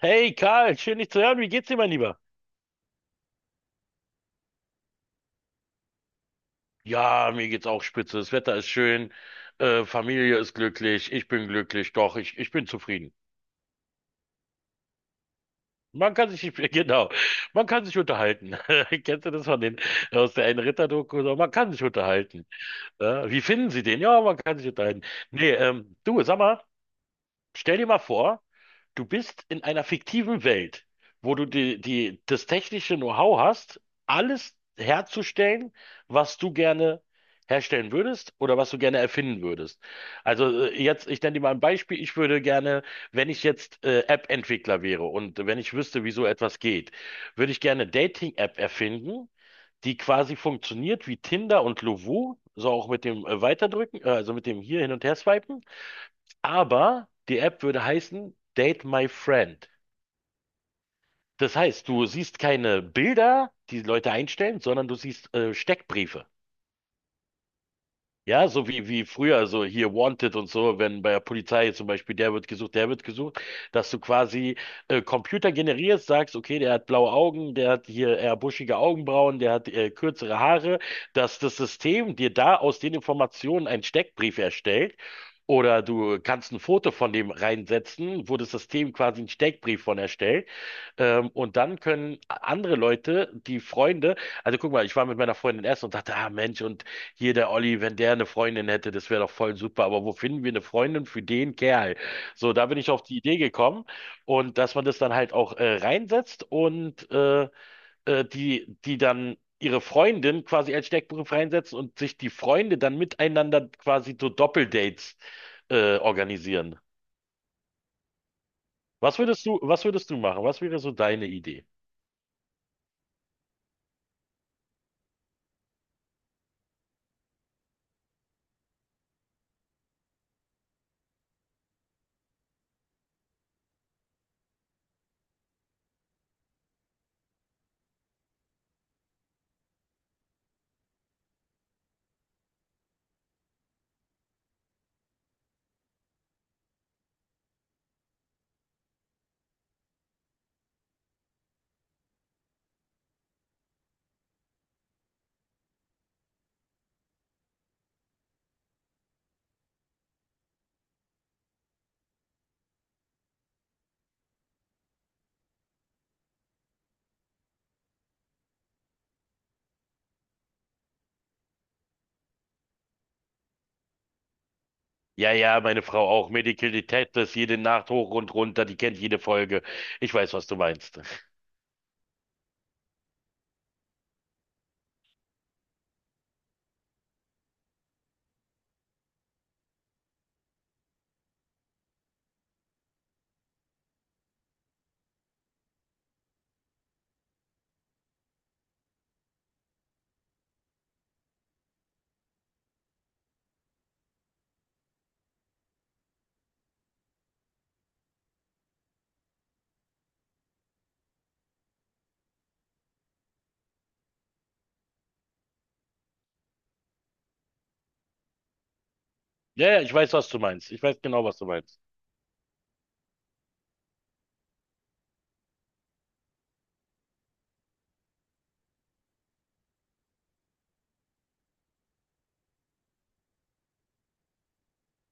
Hey Karl, schön dich zu hören. Wie geht's dir, mein Lieber? Ja, mir geht's auch spitze. Das Wetter ist schön, Familie ist glücklich, ich bin glücklich, doch, ich bin zufrieden. Man kann sich, genau, man kann sich unterhalten. Kennst du das von den, aus der einen Ritter-Doku? So, man kann sich unterhalten. Ja, wie finden Sie den? Ja, man kann sich unterhalten. Nee, du, sag mal, stell dir mal vor, du bist in einer fiktiven Welt, wo du das technische Know-how hast, alles herzustellen, was du gerne herstellen würdest oder was du gerne erfinden würdest. Also jetzt, ich nenne dir mal ein Beispiel. Ich würde gerne, wenn ich jetzt App-Entwickler wäre und wenn ich wüsste, wie so etwas geht, würde ich gerne eine Dating-App erfinden, die quasi funktioniert wie Tinder und Lovoo, so auch mit dem Weiterdrücken, also mit dem hier hin und her swipen. Aber die App würde heißen Date My Friend. Das heißt, du siehst keine Bilder, die Leute einstellen, sondern du siehst Steckbriefe. Ja, so wie früher, also hier Wanted und so, wenn bei der Polizei zum Beispiel der wird gesucht, dass du quasi Computer generierst, sagst, okay, der hat blaue Augen, der hat hier eher buschige Augenbrauen, der hat kürzere Haare, dass das System dir da aus den Informationen einen Steckbrief erstellt. Oder du kannst ein Foto von dem reinsetzen, wo das System quasi einen Steckbrief von erstellt. Und dann können andere Leute, die Freunde, also guck mal, ich war mit meiner Freundin essen und dachte, ah Mensch, und hier der Olli, wenn der eine Freundin hätte, das wäre doch voll super, aber wo finden wir eine Freundin für den Kerl? So, da bin ich auf die Idee gekommen und dass man das dann halt auch reinsetzt und die dann ihre Freundin quasi als Steckbrief reinsetzen und sich die Freunde dann miteinander quasi so Doppeldates organisieren. Was würdest du machen? Was wäre so deine Idee? Ja, ja, meine Frau auch. Medical Detectives, jede Nacht hoch und runter, die kennt jede Folge. Ich weiß, was du meinst. Ja, ja, ich weiß, was du meinst. Ich weiß genau, was du meinst.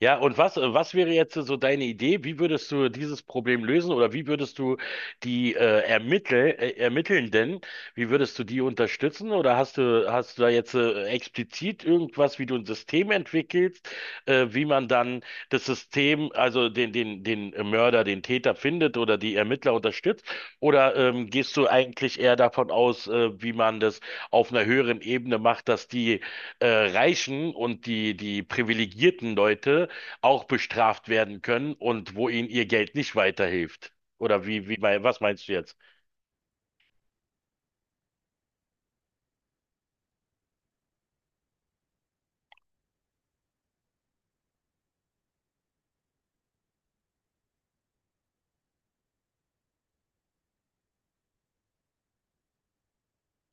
Ja, und was, was wäre jetzt so deine Idee? Wie würdest du dieses Problem lösen oder wie würdest du die Ermittelnden, wie würdest du die unterstützen? Oder hast du da jetzt explizit irgendwas, wie du ein System entwickelst, wie man dann das System, also den Mörder, den Täter findet oder die Ermittler unterstützt? Oder gehst du eigentlich eher davon aus, wie man das auf einer höheren Ebene macht, dass die Reichen und die privilegierten Leute auch bestraft werden können und wo ihnen ihr Geld nicht weiterhilft. Oder was meinst du jetzt?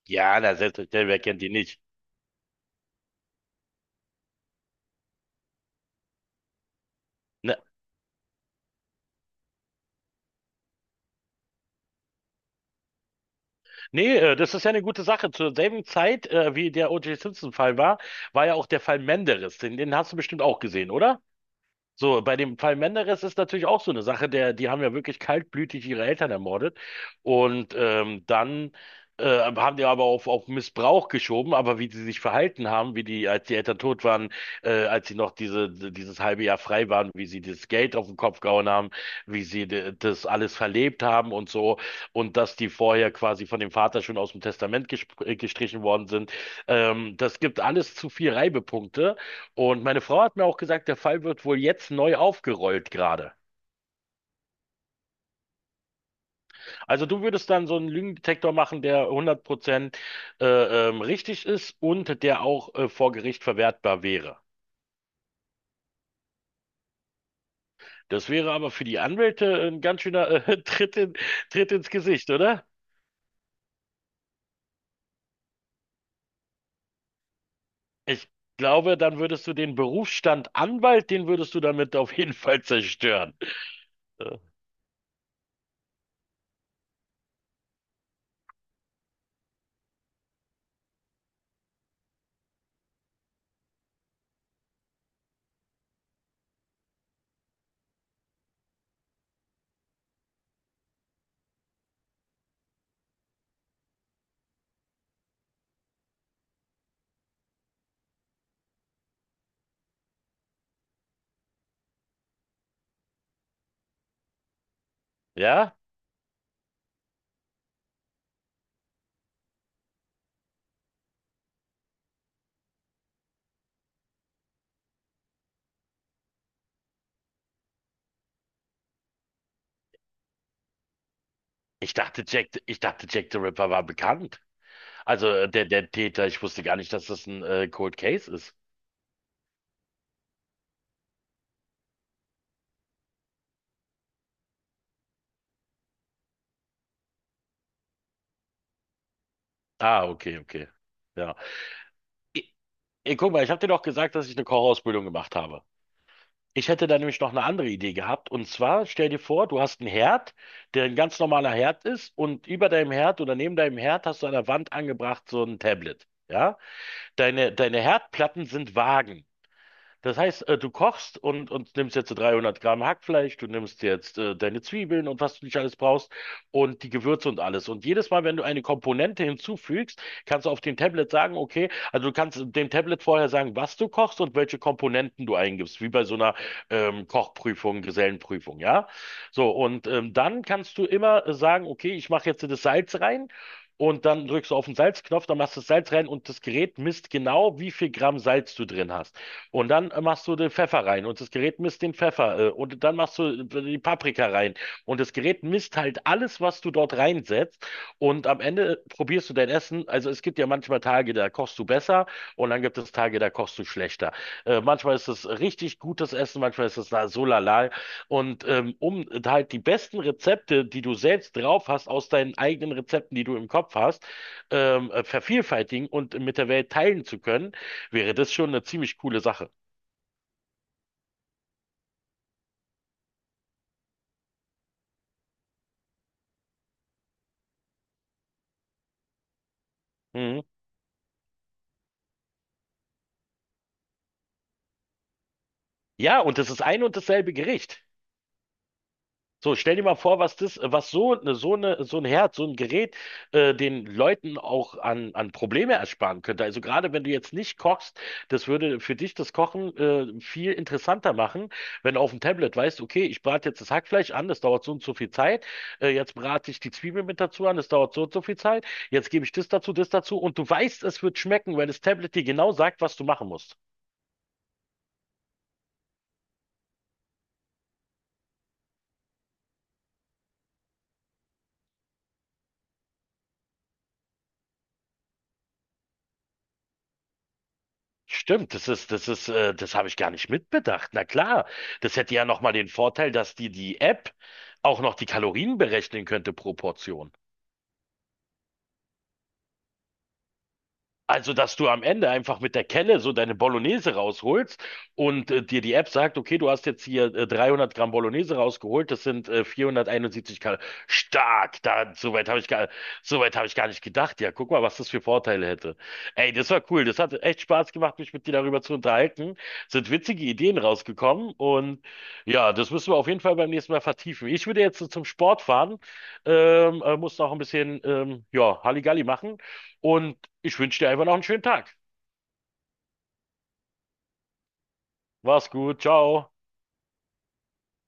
Ja, na, selbstverständlich, wer kennt die nicht? Ne, nee, das ist ja eine gute Sache. Zur selben Zeit, wie der O.J. Simpson-Fall war, war ja auch der Fall Menderes. Den hast du bestimmt auch gesehen, oder? So, bei dem Fall Menderes ist natürlich auch so eine Sache, der, die haben ja wirklich kaltblütig ihre Eltern ermordet und dann haben die aber auf Missbrauch geschoben, aber wie sie sich verhalten haben, wie die, als die Eltern tot waren, als sie noch diese, dieses halbe Jahr frei waren, wie sie das Geld auf den Kopf gehauen haben, wie sie das alles verlebt haben und so und dass die vorher quasi von dem Vater schon aus dem Testament gestrichen worden sind, das gibt alles zu viel Reibepunkte und meine Frau hat mir auch gesagt, der Fall wird wohl jetzt neu aufgerollt gerade. Also du würdest dann so einen Lügendetektor machen, der 100% richtig ist und der auch vor Gericht verwertbar wäre. Das wäre aber für die Anwälte ein ganz schöner Tritt in, Tritt ins Gesicht, oder? Ich glaube, dann würdest du den Berufsstand Anwalt, den würdest du damit auf jeden Fall zerstören. Äh, Ja? Ich dachte, Jack the Ripper war bekannt. Also der, der Täter, ich wusste gar nicht, dass das ein Cold Case ist. Ah, okay, okay. Ja. I- Ey, guck mal, ich habe dir doch gesagt, dass ich eine Kochausbildung gemacht habe. Ich hätte da nämlich noch eine andere Idee gehabt. Und zwar, stell dir vor, du hast einen Herd, der ein ganz normaler Herd ist, und über deinem Herd oder neben deinem Herd hast du an der Wand angebracht so ein Tablet. Ja? Deine Herdplatten sind Waagen. Das heißt, du kochst und nimmst jetzt so 300 Gramm Hackfleisch, du nimmst jetzt deine Zwiebeln und was du nicht alles brauchst und die Gewürze und alles. Und jedes Mal, wenn du eine Komponente hinzufügst, kannst du auf dem Tablet sagen, okay, also du kannst dem Tablet vorher sagen, was du kochst und welche Komponenten du eingibst, wie bei so einer Kochprüfung, Gesellenprüfung, ja? So, und dann kannst du immer sagen, okay, ich mache jetzt das Salz rein. Und dann drückst du auf den Salzknopf, dann machst du das Salz rein und das Gerät misst genau, wie viel Gramm Salz du drin hast. Und dann machst du den Pfeffer rein und das Gerät misst den Pfeffer und dann machst du die Paprika rein und das Gerät misst halt alles, was du dort reinsetzt und am Ende probierst du dein Essen. Also es gibt ja manchmal Tage, da kochst du besser und dann gibt es Tage, da kochst du schlechter. Manchmal ist es richtig gutes Essen, manchmal ist es da so lala und um halt die besten Rezepte, die du selbst drauf hast, aus deinen eigenen Rezepten, die du im Kopf hast, vervielfältigen und mit der Welt teilen zu können, wäre das schon eine ziemlich coole Sache. Mhm. Ja, und das ist ein und dasselbe Gericht. So, stell dir mal vor, was das, was so eine, so ein Herd, so ein Gerät, den Leuten auch an Probleme ersparen könnte. Also gerade wenn du jetzt nicht kochst, das würde für dich das Kochen, viel interessanter machen, wenn du auf dem Tablet weißt, okay, ich brate jetzt das Hackfleisch an, das dauert so und so viel Zeit. Jetzt brate ich die Zwiebel mit dazu an, das dauert so und so viel Zeit. Jetzt gebe ich das dazu und du weißt, es wird schmecken, weil das Tablet dir genau sagt, was du machen musst. Stimmt, das habe ich gar nicht mitbedacht. Na klar, das hätte ja nochmal den Vorteil, dass dir die App auch noch die Kalorien berechnen könnte pro Portion. Also, dass du am Ende einfach mit der Kelle so deine Bolognese rausholst und dir die App sagt, okay, du hast jetzt hier 300 Gramm Bolognese rausgeholt, das sind 471 Kalorien. Stark, da, soweit habe ich gar, soweit habe ich gar nicht gedacht. Ja, guck mal, was das für Vorteile hätte. Ey, das war cool. Das hat echt Spaß gemacht, mich mit dir darüber zu unterhalten. Sind witzige Ideen rausgekommen und ja, das müssen wir auf jeden Fall beim nächsten Mal vertiefen. Ich würde jetzt so zum Sport fahren, muss noch ein bisschen, ja, Halligalli machen. Und ich wünsche dir einfach noch einen schönen Tag. Mach's gut, ciao.